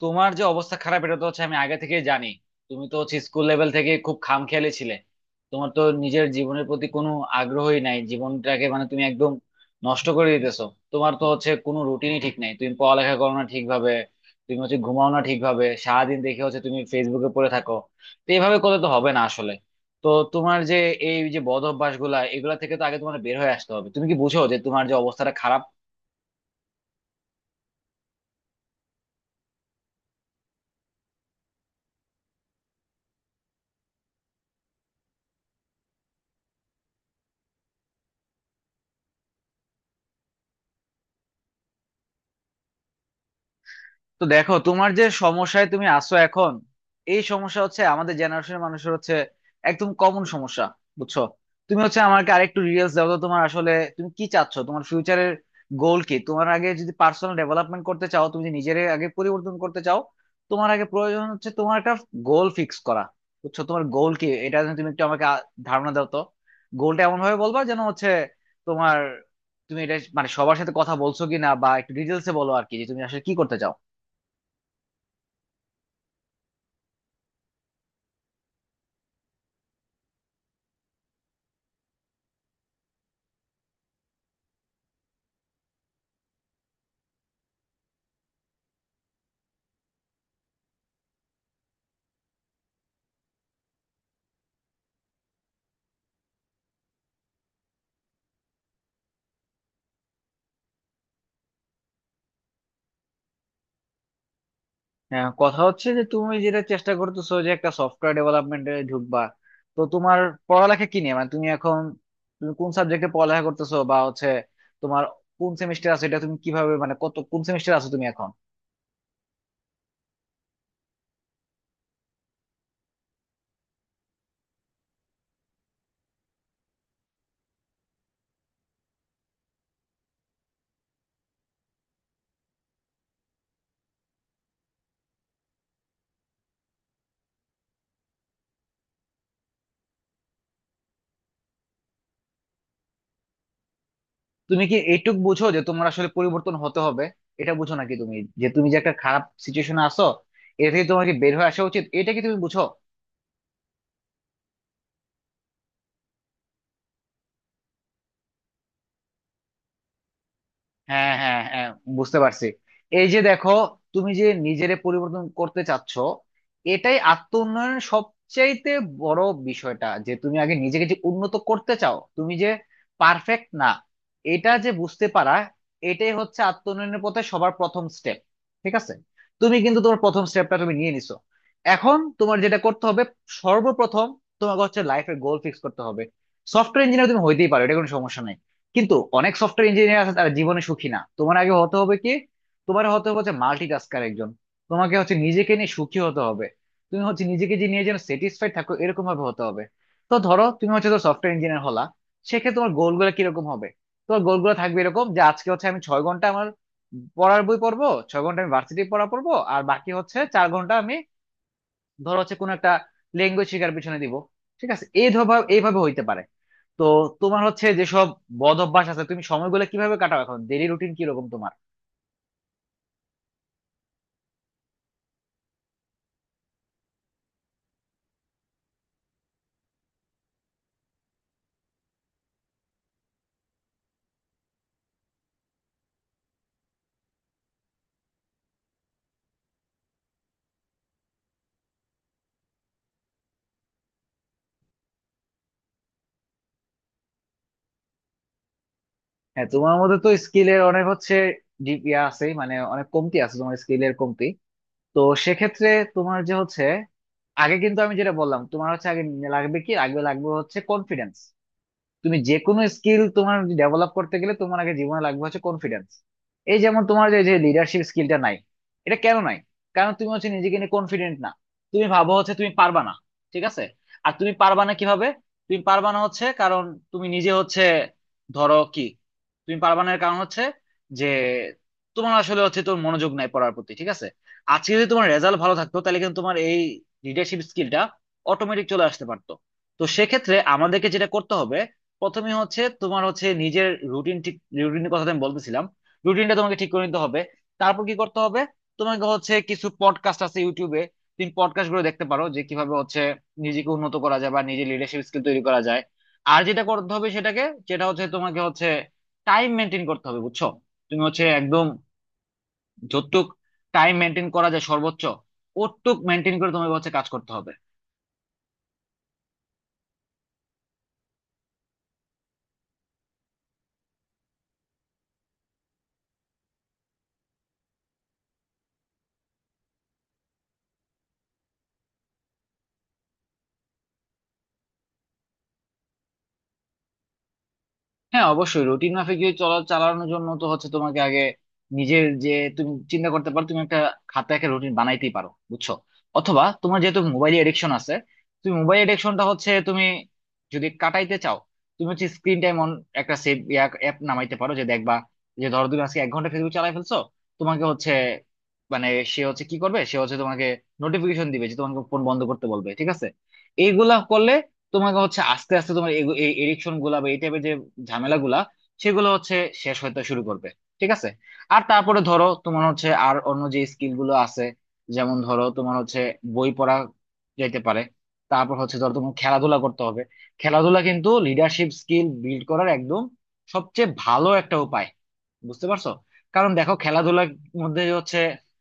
তোমার যে অবস্থা খারাপ এটা তো হচ্ছে আমি আগে থেকেই জানি। তুমি তো হচ্ছে স্কুল লেভেল থেকে খুব খামখেয়ালি ছিলে। তোমার তো নিজের জীবনের প্রতি কোনো আগ্রহই নাই, জীবনটাকে মানে তুমি একদম নষ্ট করে দিতেছো। তোমার তো হচ্ছে কোনো রুটিনই ঠিক নাই, তুমি পড়ালেখা করো না ঠিকভাবে, তুমি হচ্ছে ঘুমাও না ঠিকভাবে, সারাদিন দেখে হচ্ছে তুমি ফেসবুকে পড়ে থাকো। তো এইভাবে করলে তো হবে না আসলে। তো তোমার যে, এই যে বদ অভ্যাস গুলা, এগুলা থেকে তো আগে তোমার বের হয়ে আসতে হবে। তুমি কি বুঝো যে তোমার যে অবস্থাটা খারাপ? তো দেখো, তোমার যে সমস্যায় তুমি আছো এখন, এই সমস্যা হচ্ছে আমাদের জেনারেশনের মানুষের হচ্ছে একদম কমন সমস্যা। বুঝছো? তুমি হচ্ছে আমাকে আরেকটু ডিটেলস দাও তো, তোমার আসলে, তুমি কি চাচ্ছ, তোমার ফিউচারের গোল কি? তোমার আগে যদি পার্সোনাল ডেভেলপমেন্ট করতে চাও, তুমি যদি নিজের আগে পরিবর্তন করতে চাও, তোমার আগে প্রয়োজন হচ্ছে তোমার একটা গোল ফিক্স করা। বুঝছো? তোমার গোল কি, এটা যেন তুমি একটু আমাকে ধারণা দাও তো। গোলটা এমন ভাবে বলবা যেন হচ্ছে তোমার, তুমি এটা মানে সবার সাথে কথা বলছো কি না, বা একটু ডিটেলসে বলো আর কি, যে তুমি আসলে কি করতে চাও। হ্যাঁ, কথা হচ্ছে যে তুমি যেটা চেষ্টা করতেছো যে একটা সফটওয়্যার ডেভেলপমেন্টে ঢুকবা, তো তোমার পড়ালেখা কি নিয়ে, মানে তুমি এখন তুমি কোন সাবজেক্টে পড়ালেখা করতেছো, বা হচ্ছে তোমার কোন সেমিস্টার আছে, এটা তুমি কিভাবে, মানে কত কোন সেমিস্টার আছো তুমি এখন? তুমি কি এইটুক বুঝো যে তোমার আসলে পরিবর্তন হতে হবে, এটা বুঝো নাকি তুমি? যে তুমি যে একটা খারাপ সিচুয়েশনে আছো, এটা থেকে তোমাকে বের হয়ে আসা উচিত, এটা কি তুমি বুঝো? হ্যাঁ, হ্যাঁ, হ্যাঁ, বুঝতে পারছি। এই যে দেখো, তুমি যে নিজেরে পরিবর্তন করতে চাচ্ছ, এটাই আত্ম উন্নয়নের সবচাইতে বড় বিষয়টা, যে তুমি আগে নিজেকে যে উন্নত করতে চাও, তুমি যে পারফেক্ট না এটা যে বুঝতে পারা, এটাই হচ্ছে আত্ম উন্নয়নের পথে সবার প্রথম স্টেপ। ঠিক আছে? তুমি কিন্তু তোমার প্রথম স্টেপটা তুমি নিয়ে নিছো। এখন তোমার যেটা করতে হবে, সর্বপ্রথম তোমাকে হচ্ছে লাইফের গোল ফিক্স করতে হবে। সফটওয়্যার ইঞ্জিনিয়ার তুমি হইতেই পারো, এটা কোনো সমস্যা নাই, কিন্তু অনেক সফটওয়্যার ইঞ্জিনিয়ার আছে তারা জীবনে সুখী না। তোমার আগে হতে হবে কি, তোমার হতে হবে হচ্ছে মাল্টিটাস্কার একজন। তোমাকে হচ্ছে নিজেকে নিয়ে সুখী হতে হবে, তুমি হচ্ছে নিজেকে যে নিয়ে যেন স্যাটিসফাইড থাকো এরকম ভাবে হতে হবে। তো ধরো তুমি হচ্ছে, ধরো সফটওয়্যার ইঞ্জিনিয়ার হলা, সেক্ষেত্রে তোমার গোলগুলো কিরকম হবে? তোমার গোলগুলো থাকবে এরকম যে, আজকে হচ্ছে আমি ছয় ঘন্টা আমার পড়ার বই পড়বো, ছয় ঘন্টা আমি ভার্সিটি পড়া পড়বো, আর বাকি হচ্ছে চার ঘন্টা আমি ধরো হচ্ছে কোন একটা ল্যাঙ্গুয়েজ শেখার পিছনে দিব। ঠিক আছে, এই এইভাবে হইতে পারে। তো তোমার হচ্ছে যেসব বদ অভ্যাস আছে, তুমি সময়গুলো কিভাবে কাটাও এখন, ডেইলি রুটিন কিরকম তোমার? হ্যাঁ, তোমার মধ্যে তো স্কিলের অনেক হচ্ছে ডিপ ইয়া আছে, মানে অনেক কমতি আছে তোমার স্কিলের কমতি। তো সেক্ষেত্রে তোমার যে হচ্ছে আগে, কিন্তু আমি যেটা বললাম, তোমার হচ্ছে আগে লাগবে কি, আগে লাগবে হচ্ছে কনফিডেন্স। তুমি যে কোনো স্কিল তোমার ডেভেলপ করতে গেলে তোমার আগে জীবনে লাগবে হচ্ছে কনফিডেন্স। এই যেমন তোমার যে লিডারশিপ স্কিলটা নাই, এটা কেন নাই? কারণ তুমি হচ্ছে নিজেকে নিয়ে কনফিডেন্ট না। তুমি ভাবো হচ্ছে তুমি পারবা না। ঠিক আছে? আর তুমি পারবা না কিভাবে? তুমি পারবা না হচ্ছে কারণ তুমি নিজে হচ্ছে ধরো কি, তুমি পারবা না এর কারণ হচ্ছে যে, তোমার আসলে হচ্ছে তোর মনোযোগ নাই পড়ার প্রতি। ঠিক আছে? আজকে যদি তোমার রেজাল্ট ভালো থাকতো তাহলে কিন্তু তোমার এই লিডারশিপ স্কিলটা অটোমেটিক চলে আসতে পারতো। তো সেক্ষেত্রে আমাদেরকে যেটা করতে হবে, প্রথমে হচ্ছে তোমার হচ্ছে নিজের রুটিন ঠিক, রুটিনের কথা তো আমি বলতেছিলাম, রুটিনটা তোমাকে ঠিক করে নিতে হবে। তারপর কি করতে হবে, তোমাকে হচ্ছে কিছু পডকাস্ট আছে ইউটিউবে, তুমি পডকাস্ট গুলো দেখতে পারো, যে কিভাবে হচ্ছে নিজেকে উন্নত করা যায় বা নিজের লিডারশিপ স্কিল তৈরি করা যায়। আর যেটা করতে হবে সেটাকে, যেটা হচ্ছে তোমাকে হচ্ছে টাইম মেনটেন করতে হবে। বুঝছো? তুমি হচ্ছে একদম যতটুক টাইম মেনটেন করা যায় সর্বোচ্চ, ওটুক মেনটেন করে তোমাকে হচ্ছে কাজ করতে হবে। হ্যাঁ, অবশ্যই রুটিন মাফিক যদি চলা, চালানোর জন্য তো হচ্ছে তোমাকে আগে নিজের যে, তুমি চিন্তা করতে পারো, তুমি একটা খাতা, একটা রুটিন বানাইতেই পারো। বুঝছো? অথবা তোমার যেহেতু মোবাইল এডিকশন আছে, তুমি মোবাইল এডিকশনটা হচ্ছে তুমি যদি কাটাইতে চাও, তুমি হচ্ছে স্ক্রিন টাইম অন একটা সেভ অ্যাপ নামাইতে পারো, যে দেখবা যে ধরো তুমি আজকে এক ঘন্টা ফেসবুক চালাই ফেলছো, তোমাকে হচ্ছে মানে সে হচ্ছে কি করবে, সে হচ্ছে তোমাকে নোটিফিকেশন দিবে, যে তোমাকে ফোন বন্ধ করতে বলবে। ঠিক আছে? এইগুলা করলে তোমাকে হচ্ছে আস্তে আস্তে তোমার এই এডিকশন গুলা, ঝামেলাগুলা সেগুলো হচ্ছে শেষ হতে শুরু করবে। ঠিক আছে? আর তারপরে ধরো তোমার হচ্ছে আর অন্য যে স্কিল গুলো আছে, যেমন ধরো তোমার হচ্ছে বই পড়া যেতে পারে, তারপর হচ্ছে ধরো তোমার খেলাধুলা করতে হবে। খেলাধুলা কিন্তু লিডারশিপ স্কিল বিল্ড করার একদম সবচেয়ে ভালো একটা উপায়। বুঝতে পারছো? কারণ দেখো, খেলাধুলার মধ্যে হচ্ছে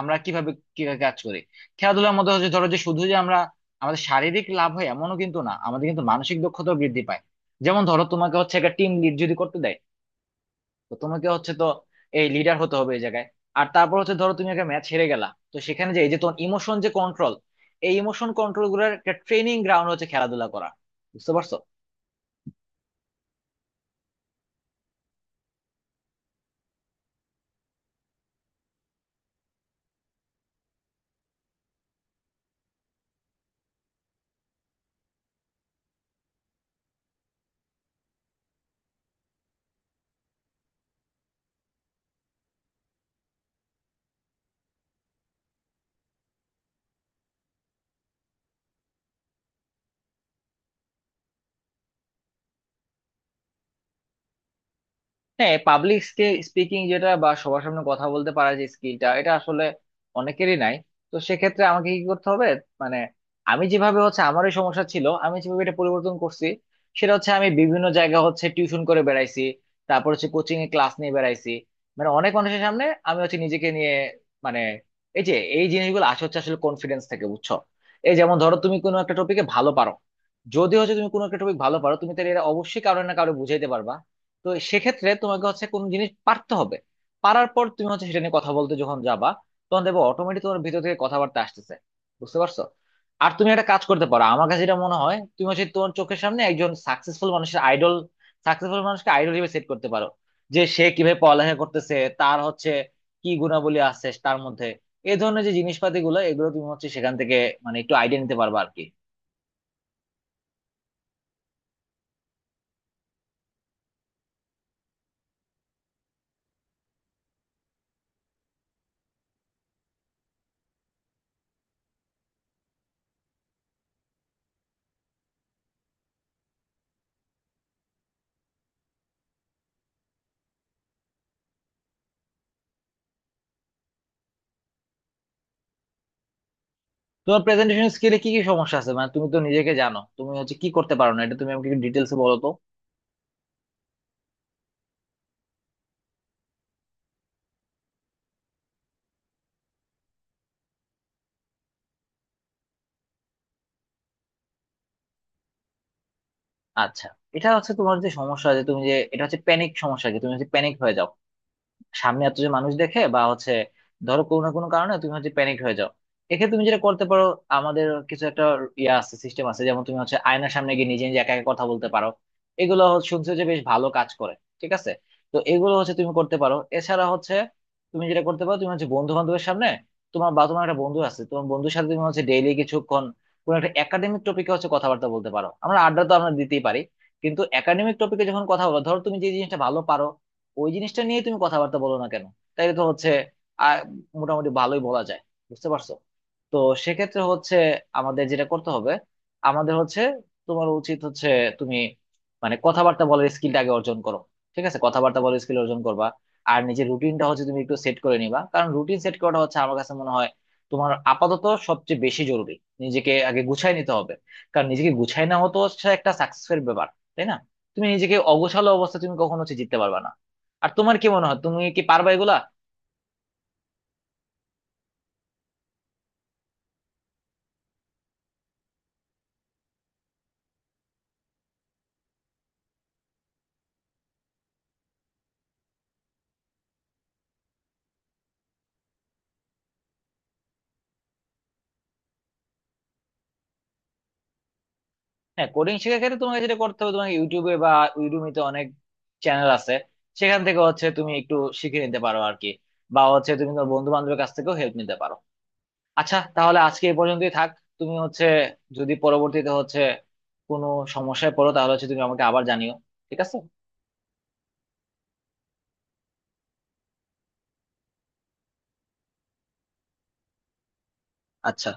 আমরা কিভাবে কি কাজ করি, খেলাধুলার মধ্যে হচ্ছে ধরো যে, শুধু যে আমরা আমাদের শারীরিক লাভ হয় এমনও কিন্তু না, আমাদের কিন্তু মানসিক দক্ষতাও বৃদ্ধি পায়। যেমন ধরো, তোমাকে হচ্ছে একটা টিম লিড যদি করতে দেয়, তো তোমাকে হচ্ছে তো এই লিডার হতে হবে এই জায়গায়। আর তারপর হচ্ছে ধরো তুমি একটা ম্যাচ হেরে গেলা, তো সেখানে যে এই যে তোমার ইমোশন যে কন্ট্রোল, এই ইমোশন কন্ট্রোল গুলোর একটা ট্রেনিং গ্রাউন্ড হচ্ছে খেলাধুলা করা। বুঝতে পারছো? হ্যাঁ, পাবলিক স্পিকিং যেটা, বা সবার সামনে কথা বলতে পারার যে স্কিলটা, এটা আসলে অনেকেরই নাই। তো সেক্ষেত্রে আমাকে কি করতে হবে, মানে আমি যেভাবে হচ্ছে, আমার এই সমস্যা ছিল, আমি যেভাবে এটা পরিবর্তন করছি সেটা হচ্ছে, আমি বিভিন্ন জায়গা হচ্ছে টিউশন করে বেড়াইছি, তারপর হচ্ছে কোচিং এ ক্লাস নিয়ে বেড়াইছি, মানে অনেক মানুষের সামনে আমি হচ্ছে নিজেকে নিয়ে, মানে, এই যে এই জিনিসগুলো আসে হচ্ছে আসলে কনফিডেন্স থেকে। বুঝছো? এই যেমন ধরো, তুমি কোনো একটা টপিকে ভালো পারো, যদি হচ্ছে তুমি কোনো একটা টপিক ভালো পারো, তুমি তাহলে এটা অবশ্যই কারো না কারো বুঝাইতে পারবা। তো সেক্ষেত্রে তোমাকে হচ্ছে কোন জিনিস পারতে হবে, পারার পর তুমি হচ্ছে সেটা নিয়ে কথা বলতে যখন যাবা, তখন দেখবো অটোমেটিক তোমার ভিতর থেকে কথাবার্তা আসতেছে। বুঝতে পারছো? আর তুমি একটা কাজ করতে পারো, আমার কাছে যেটা মনে হয়, তুমি হচ্ছে তোমার চোখের সামনে একজন সাকসেসফুল মানুষের আইডল, সাকসেসফুল মানুষকে আইডল হিসেবে সেট করতে পারো, যে সে কিভাবে পড়ালেখা করতেছে, তার হচ্ছে কি গুণাবলী আছে তার মধ্যে, এই ধরনের যে জিনিসপাতি গুলো, এগুলো তুমি হচ্ছে সেখান থেকে মানে একটু আইডিয়া নিতে পারবা আর কি। তোমার প্রেজেন্টেশন স্কিলে কি কি সমস্যা আছে, মানে তুমি তো নিজেকে জানো, তুমি হচ্ছে কি করতে পারো না, এটা তুমি আমাকে ডিটেলস বলো তো। আচ্ছা, এটা হচ্ছে তোমার যে সমস্যা, যে তুমি যে এটা হচ্ছে প্যানিক সমস্যা, কি তুমি হচ্ছে প্যানিক হয়ে যাও সামনে এত যে মানুষ দেখে, বা হচ্ছে ধরো কোনো না কোনো কারণে তুমি হচ্ছে প্যানিক হয়ে যাও। এক্ষেত্রে তুমি যেটা করতে পারো, আমাদের কিছু একটা ইয়ে আছে, সিস্টেম আছে, যেমন তুমি হচ্ছে আয়নার সামনে গিয়ে নিজে নিজে একা একা কথা বলতে পারো, এগুলো হচ্ছে- শুনছো যে বেশ ভালো কাজ করে। ঠিক আছে? তো এগুলো হচ্ছে তুমি করতে পারো, এছাড়া হচ্ছে তুমি যেটা করতে পারো, তুমি হচ্ছে বন্ধু বান্ধবের সামনে, তোমার বা তোমার একটা বন্ধু আছে, তোমার বন্ধুর সাথে তুমি হচ্ছে ডেইলি কিছুক্ষণ কোনো একটা একাডেমিক টপিকে হচ্ছে কথাবার্তা বলতে পারো। আমরা আড্ডা তো আমরা দিতেই পারি, কিন্তু একাডেমিক টপিকে যখন কথা বলো, ধরো তুমি যে জিনিসটা ভালো পারো, ওই জিনিসটা নিয়ে তুমি কথাবার্তা বলো না কেন, তাইলে তো হচ্ছে আহ, মোটামুটি ভালোই বলা যায়। বুঝতে পারছো? তো সেক্ষেত্রে হচ্ছে আমাদের যেটা করতে হবে, আমাদের হচ্ছে তোমার উচিত হচ্ছে তুমি মানে কথাবার্তা বলার স্কিলটা আগে অর্জন করো। ঠিক আছে, কথাবার্তা বলার স্কিল অর্জন করবা, আর নিজের রুটিনটা হচ্ছে তুমি একটু সেট করে নিবা, কারণ রুটিন সেট করাটা হচ্ছে আমার কাছে মনে হয় তোমার আপাতত সবচেয়ে বেশি জরুরি। নিজেকে আগে গুছাই নিতে হবে, কারণ নিজেকে গুছাই না হতো হচ্ছে একটা সাকসেসের ব্যাপার, তাই না? তুমি নিজেকে অগোছালো অবস্থা, তুমি কখনো হচ্ছে জিততে পারবে না। আর তোমার কি মনে হয়, তুমি কি পারবা এগুলা? হ্যাঁ, কোডিং শেখার ক্ষেত্রে তোমাকে যেটা করতে হবে, তোমাকে ইউটিউবে বা ইউডুমিতে অনেক চ্যানেল আছে, সেখান থেকে হচ্ছে তুমি একটু শিখে নিতে পারো আর কি, বা হচ্ছে তুমি তোমার বন্ধু বান্ধবের কাছ থেকেও হেল্প নিতে পারো। আচ্ছা, তাহলে আজকে এই পর্যন্তই থাক। তুমি হচ্ছে যদি পরবর্তীতে হচ্ছে কোনো সমস্যায় পড়ো, তাহলে হচ্ছে তুমি আমাকে আবার জানিও। ঠিক আছে? আচ্ছা।